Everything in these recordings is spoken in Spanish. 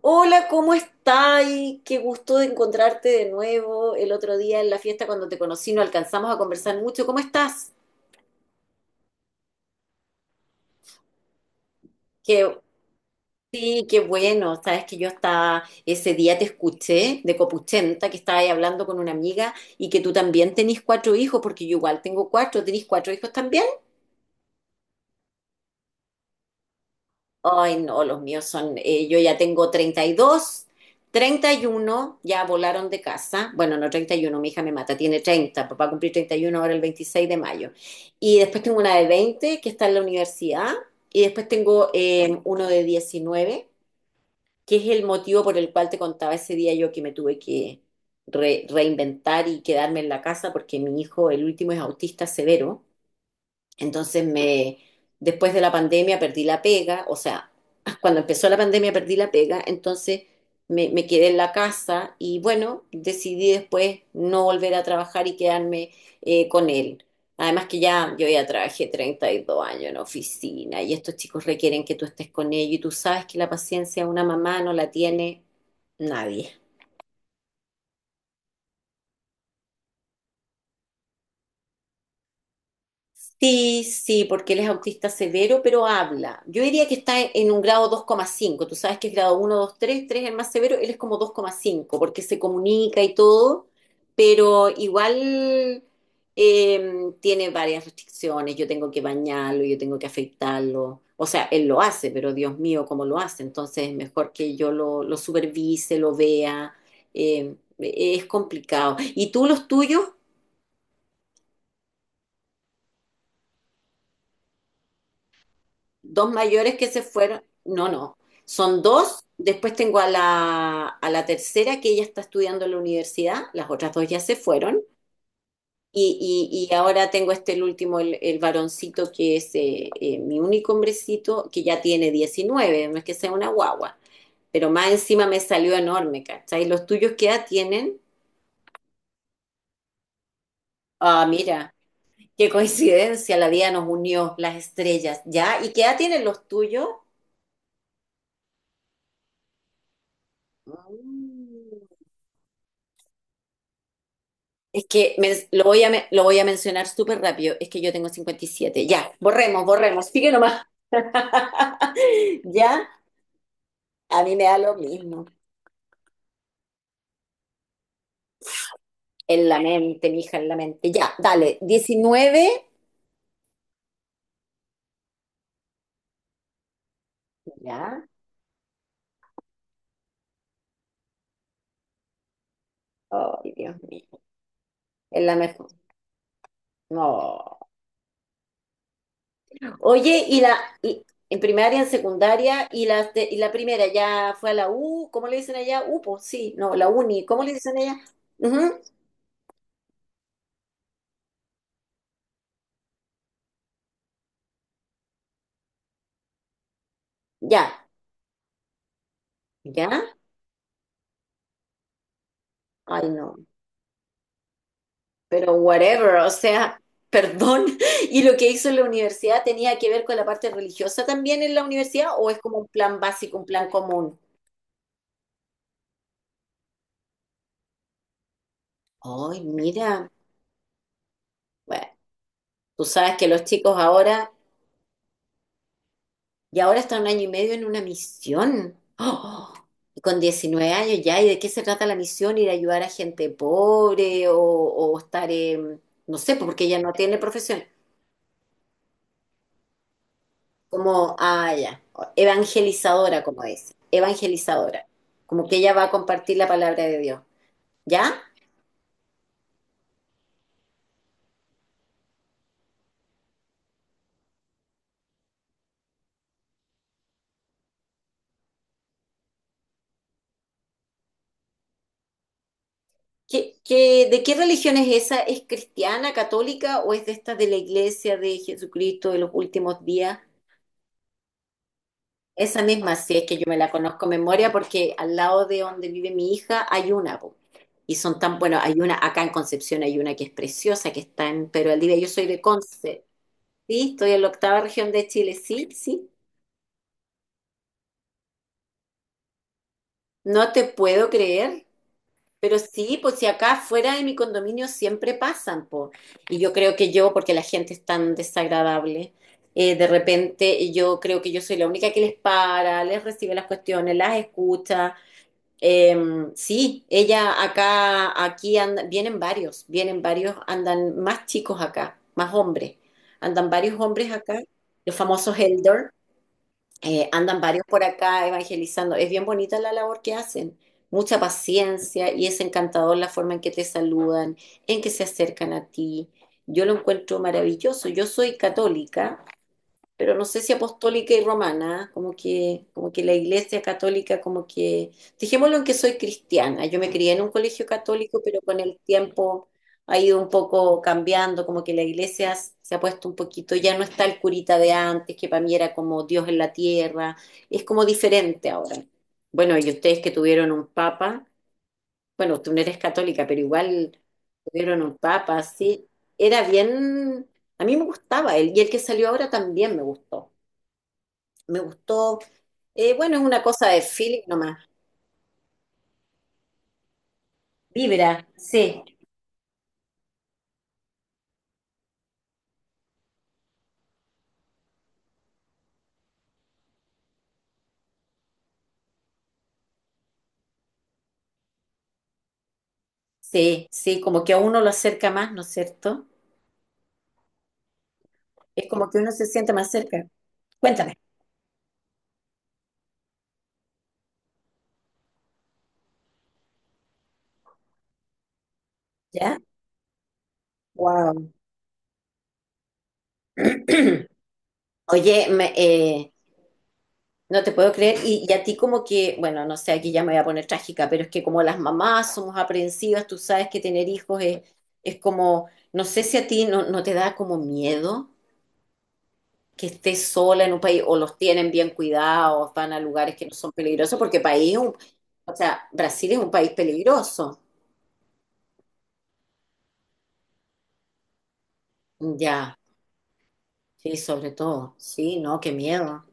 Hola, ¿cómo estás? Qué gusto de encontrarte de nuevo. El otro día en la fiesta cuando te conocí no alcanzamos a conversar mucho. ¿Cómo estás? Qué, sí, qué bueno. Sabes que yo estaba, ese día te escuché de Copuchenta, que estaba ahí hablando con una amiga y que tú también tenés cuatro hijos, porque yo igual tengo cuatro, tenés cuatro hijos también. Ay, no, los míos son, yo ya tengo treinta y dos, 31 ya volaron de casa. Bueno, no 31, mi hija me mata, tiene 30. Papá va a cumplir 31 ahora el 26 de mayo. Y después tengo una de 20 que está en la universidad y después tengo uno de 19, que es el motivo por el cual te contaba ese día yo que me tuve que reinventar y quedarme en la casa porque mi hijo, el último, es autista severo. Entonces después de la pandemia perdí la pega, o sea, cuando empezó la pandemia perdí la pega, entonces me quedé en la casa y bueno, decidí después no volver a trabajar y quedarme con él. Además que yo ya trabajé 32 años en oficina y estos chicos requieren que tú estés con ellos y tú sabes que la paciencia de una mamá no la tiene nadie. Sí, sí, porque él es autista severo, pero habla. Yo diría que está en un grado 2,5. Tú sabes que es grado uno, 2, 3, 3 es el más severo, él es como 2,5, porque se comunica y todo, pero igual tiene varias restricciones. Yo tengo que bañarlo, yo tengo que afeitarlo. O sea, él lo hace, pero Dios mío, ¿cómo lo hace? Entonces es mejor que yo lo supervise, lo vea. Eh, es complicado. ¿Y tú los tuyos? Dos mayores que se fueron. No, no. Son dos. Después tengo a a la tercera que ella está estudiando en la universidad. Las otras dos ya se fueron. Y ahora tengo este el último, el varoncito, que es mi único hombrecito, que ya tiene 19, no es que sea una guagua, pero más encima me salió enorme, ¿cachai? ¿Los tuyos qué edad tienen? Ah, mira, qué coincidencia, la vida nos unió, las estrellas, ¿ya? ¿Y qué edad tienen los tuyos? Mm. Es que lo voy a, lo voy a mencionar súper rápido. Es que yo tengo 57. Ya, borremos, borremos. Sigue nomás. Ya, a mí me da lo mismo. En la mente, mija, en la mente. Ya, dale. 19. Ya. Ay, Dios mío. Es la mejor. No. Oye, en primaria, en secundaria, y y la primera ya fue a la U, ¿cómo le dicen allá? U, pues sí, no, la uni, ¿cómo le dicen allá? Ujú. Ya, ya. Ay, no. Pero whatever, o sea, perdón. ¿Y lo que hizo en la universidad tenía que ver con la parte religiosa también en la universidad o es como un plan básico, un plan común? Ay, mira, bueno, tú sabes que los chicos ahora, y ahora están 1 año y medio en una misión. ¡Oh! Y con 19 años ya, ¿y de qué se trata la misión? ¿Ir a ayudar a gente pobre o estar, en- no sé, porque ella no tiene profesión. Como, ah, ya, evangelizadora, como dice, evangelizadora, como que ella va a compartir la palabra de Dios, ¿ya? De qué religión es esa? ¿Es cristiana, católica o es de esta de la iglesia de Jesucristo de los últimos días? Esa misma, sí es que yo me la conozco en memoria, porque al lado de donde vive mi hija hay una, po. Y son tan, bueno, hay una acá en Concepción, hay una que es preciosa, que está en. Pero al día yo soy de Conce, ¿sí? Estoy en la octava región de Chile, sí, sí. No te puedo creer. Pero sí, pues si acá fuera de mi condominio siempre pasan, po. Y yo creo que yo, porque la gente es tan desagradable, de repente yo creo que yo soy la única que les para, les recibe las cuestiones, las escucha. Eh, sí, ella acá, vienen varios, andan más chicos acá, más hombres. Andan varios hombres acá, los famosos elders. Andan varios por acá evangelizando. Es bien bonita la labor que hacen. Mucha paciencia y es encantador la forma en que te saludan, en que se acercan a ti. Yo lo encuentro maravilloso. Yo soy católica, pero no sé si apostólica y romana, ¿ah? Como que, como que la iglesia católica, como que, dejémoslo en que soy cristiana, yo me crié en un colegio católico, pero con el tiempo ha ido un poco cambiando, como que la iglesia se ha puesto un poquito, ya no está el curita de antes, que para mí era como Dios en la tierra, es como diferente ahora. Bueno, y ustedes que tuvieron un papa, bueno, tú no eres católica, pero igual tuvieron un papa, sí, era bien, a mí me gustaba él, y el que salió ahora también me gustó, me gustó. Bueno, es una cosa de feeling nomás. Vibra, sí, sí, sí, como que a uno lo acerca más, ¿no es cierto? Es como que uno se siente más cerca. Cuéntame, ¿ya? Wow. Oye, no te puedo creer. Y a ti como que, bueno, no sé, aquí ya me voy a poner trágica, pero es que como las mamás somos aprensivas, tú sabes que tener hijos es como, no sé si a ti no, no te da como miedo. Que esté sola en un país o los tienen bien cuidados, van a lugares que no son peligrosos, porque país, es un- o sea, Brasil es un país peligroso. Ya, sí, sobre todo. Sí, no, qué miedo.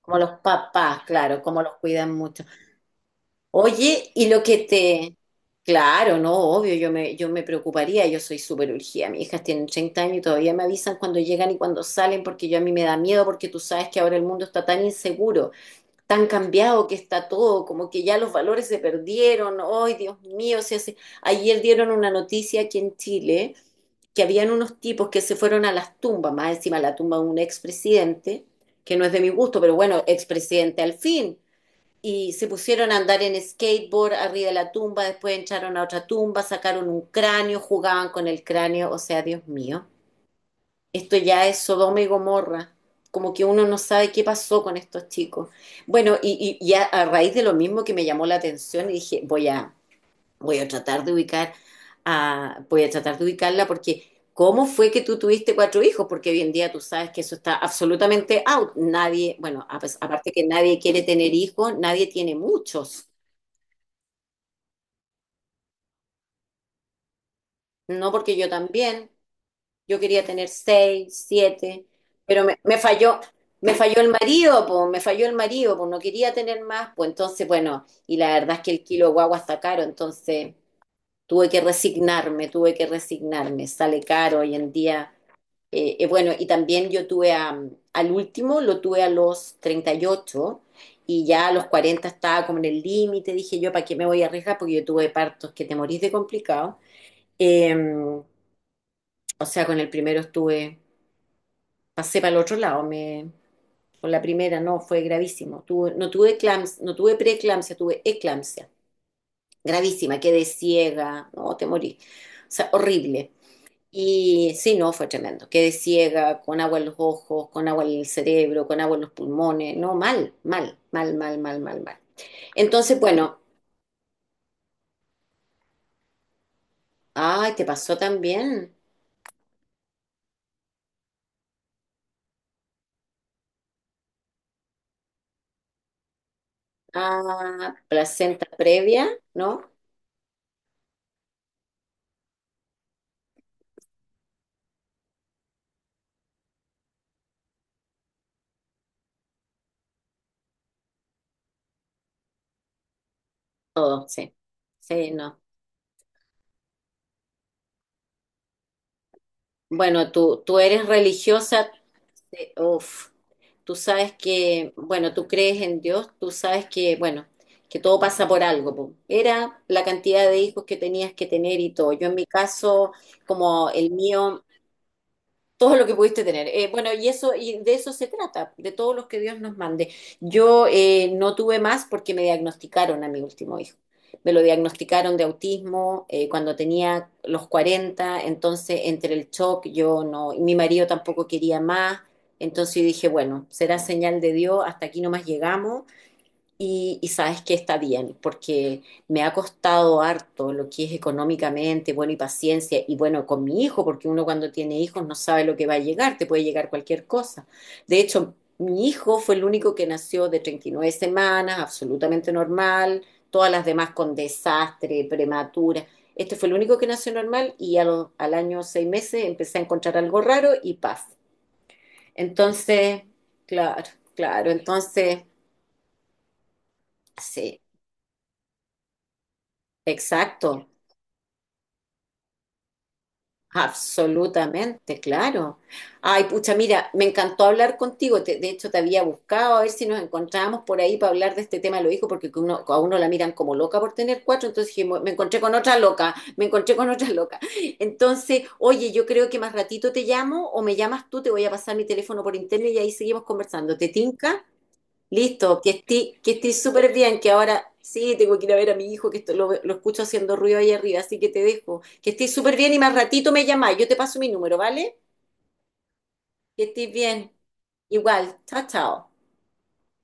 Como los papás, claro, como los cuidan mucho. Oye, y lo que te... Claro, no, obvio, yo me preocuparía, yo soy súper urgida. Mis hijas tienen 30 años y todavía me avisan cuando llegan y cuando salen, porque yo a mí me da miedo, porque tú sabes que ahora el mundo está tan inseguro. Tan cambiado que está todo, como que ya los valores se perdieron, ay Dios mío, se hace... Ayer dieron una noticia aquí en Chile que habían unos tipos que se fueron a las tumbas, más encima la tumba de un expresidente, que no es de mi gusto, pero bueno, expresidente al fin, y se pusieron a andar en skateboard arriba de la tumba, después entraron a otra tumba, sacaron un cráneo, jugaban con el cráneo, o sea, Dios mío. Esto ya es Sodoma y Gomorra. Como que uno no sabe qué pasó con estos chicos. Bueno, a raíz de lo mismo que me llamó la atención, y dije, voy a tratar de ubicar a, voy a tratar de ubicarla porque ¿cómo fue que tú tuviste cuatro hijos? Porque hoy en día tú sabes que eso está absolutamente out. Nadie, bueno, aparte que nadie quiere tener hijos, nadie tiene muchos. No porque yo también. Yo quería tener seis, siete, pero me falló el marido, pues, me falló el marido, pues no quería tener más, pues entonces, bueno, y la verdad es que el kilo de guagua está caro, entonces tuve que resignarme, sale caro hoy en día. Bueno, y también yo al último, lo tuve a los 38 y ya a los 40 estaba como en el límite, dije yo, ¿para qué me voy a arriesgar? Porque yo tuve partos que te morís de complicado. Eh, o sea, con el primero estuve, pasé para el otro lado, me, con la primera no, fue gravísimo. Tuve, no tuve eclampsia, no tuve preeclampsia, tuve eclampsia, gravísima, quedé ciega, no, te morí, o sea, horrible. Y sí, no, fue tremendo. Quedé ciega, con agua en los ojos, con agua en el cerebro, con agua en los pulmones. No, mal, mal, mal, mal, mal, mal, mal. Entonces, bueno, ay, te pasó también. Ah, placenta previa, ¿no? Todo, sí. Sí, no. Bueno, tú eres religiosa, uf, tú sabes que, bueno, tú crees en Dios, tú sabes que, bueno, que todo pasa por algo. Po. Era la cantidad de hijos que tenías que tener y todo. Yo en mi caso, como el mío, todo lo que pudiste tener. Bueno, y eso, y de eso se trata, de todos los que Dios nos mande. Yo no tuve más porque me diagnosticaron a mi último hijo. Me lo diagnosticaron de autismo cuando tenía los 40, entonces entre el shock yo no, y mi marido tampoco quería más, entonces yo dije, bueno, será señal de Dios, hasta aquí nomás llegamos y sabes que está bien, porque me ha costado harto lo que es económicamente, bueno, y paciencia, y bueno, con mi hijo, porque uno cuando tiene hijos no sabe lo que va a llegar, te puede llegar cualquier cosa. De hecho, mi hijo fue el único que nació de 39 semanas, absolutamente normal, todas las demás con desastre, prematura. Este fue el único que nació normal y a al 1 año 6 meses empecé a encontrar algo raro y paz. Entonces, claro, claro, entonces, sí, exacto. Absolutamente, claro. Ay, pucha, mira, me encantó hablar contigo. De hecho, te había buscado a ver si nos encontrábamos por ahí para hablar de este tema de los hijos, porque que a uno la miran como loca por tener cuatro. Entonces dije, me encontré con otra loca, me encontré con otra loca. Entonces, oye, yo creo que más ratito te llamo o me llamas tú, te voy a pasar mi teléfono por interno y ahí seguimos conversando. ¿Te tinca? Listo, que esté que estés súper bien, que ahora sí tengo que ir a ver a mi hijo, que esto, lo escucho haciendo ruido ahí arriba, así que te dejo. Que estés súper bien y más ratito me llamás. Yo te paso mi número, ¿vale? Que estés bien. Igual, chao, chao.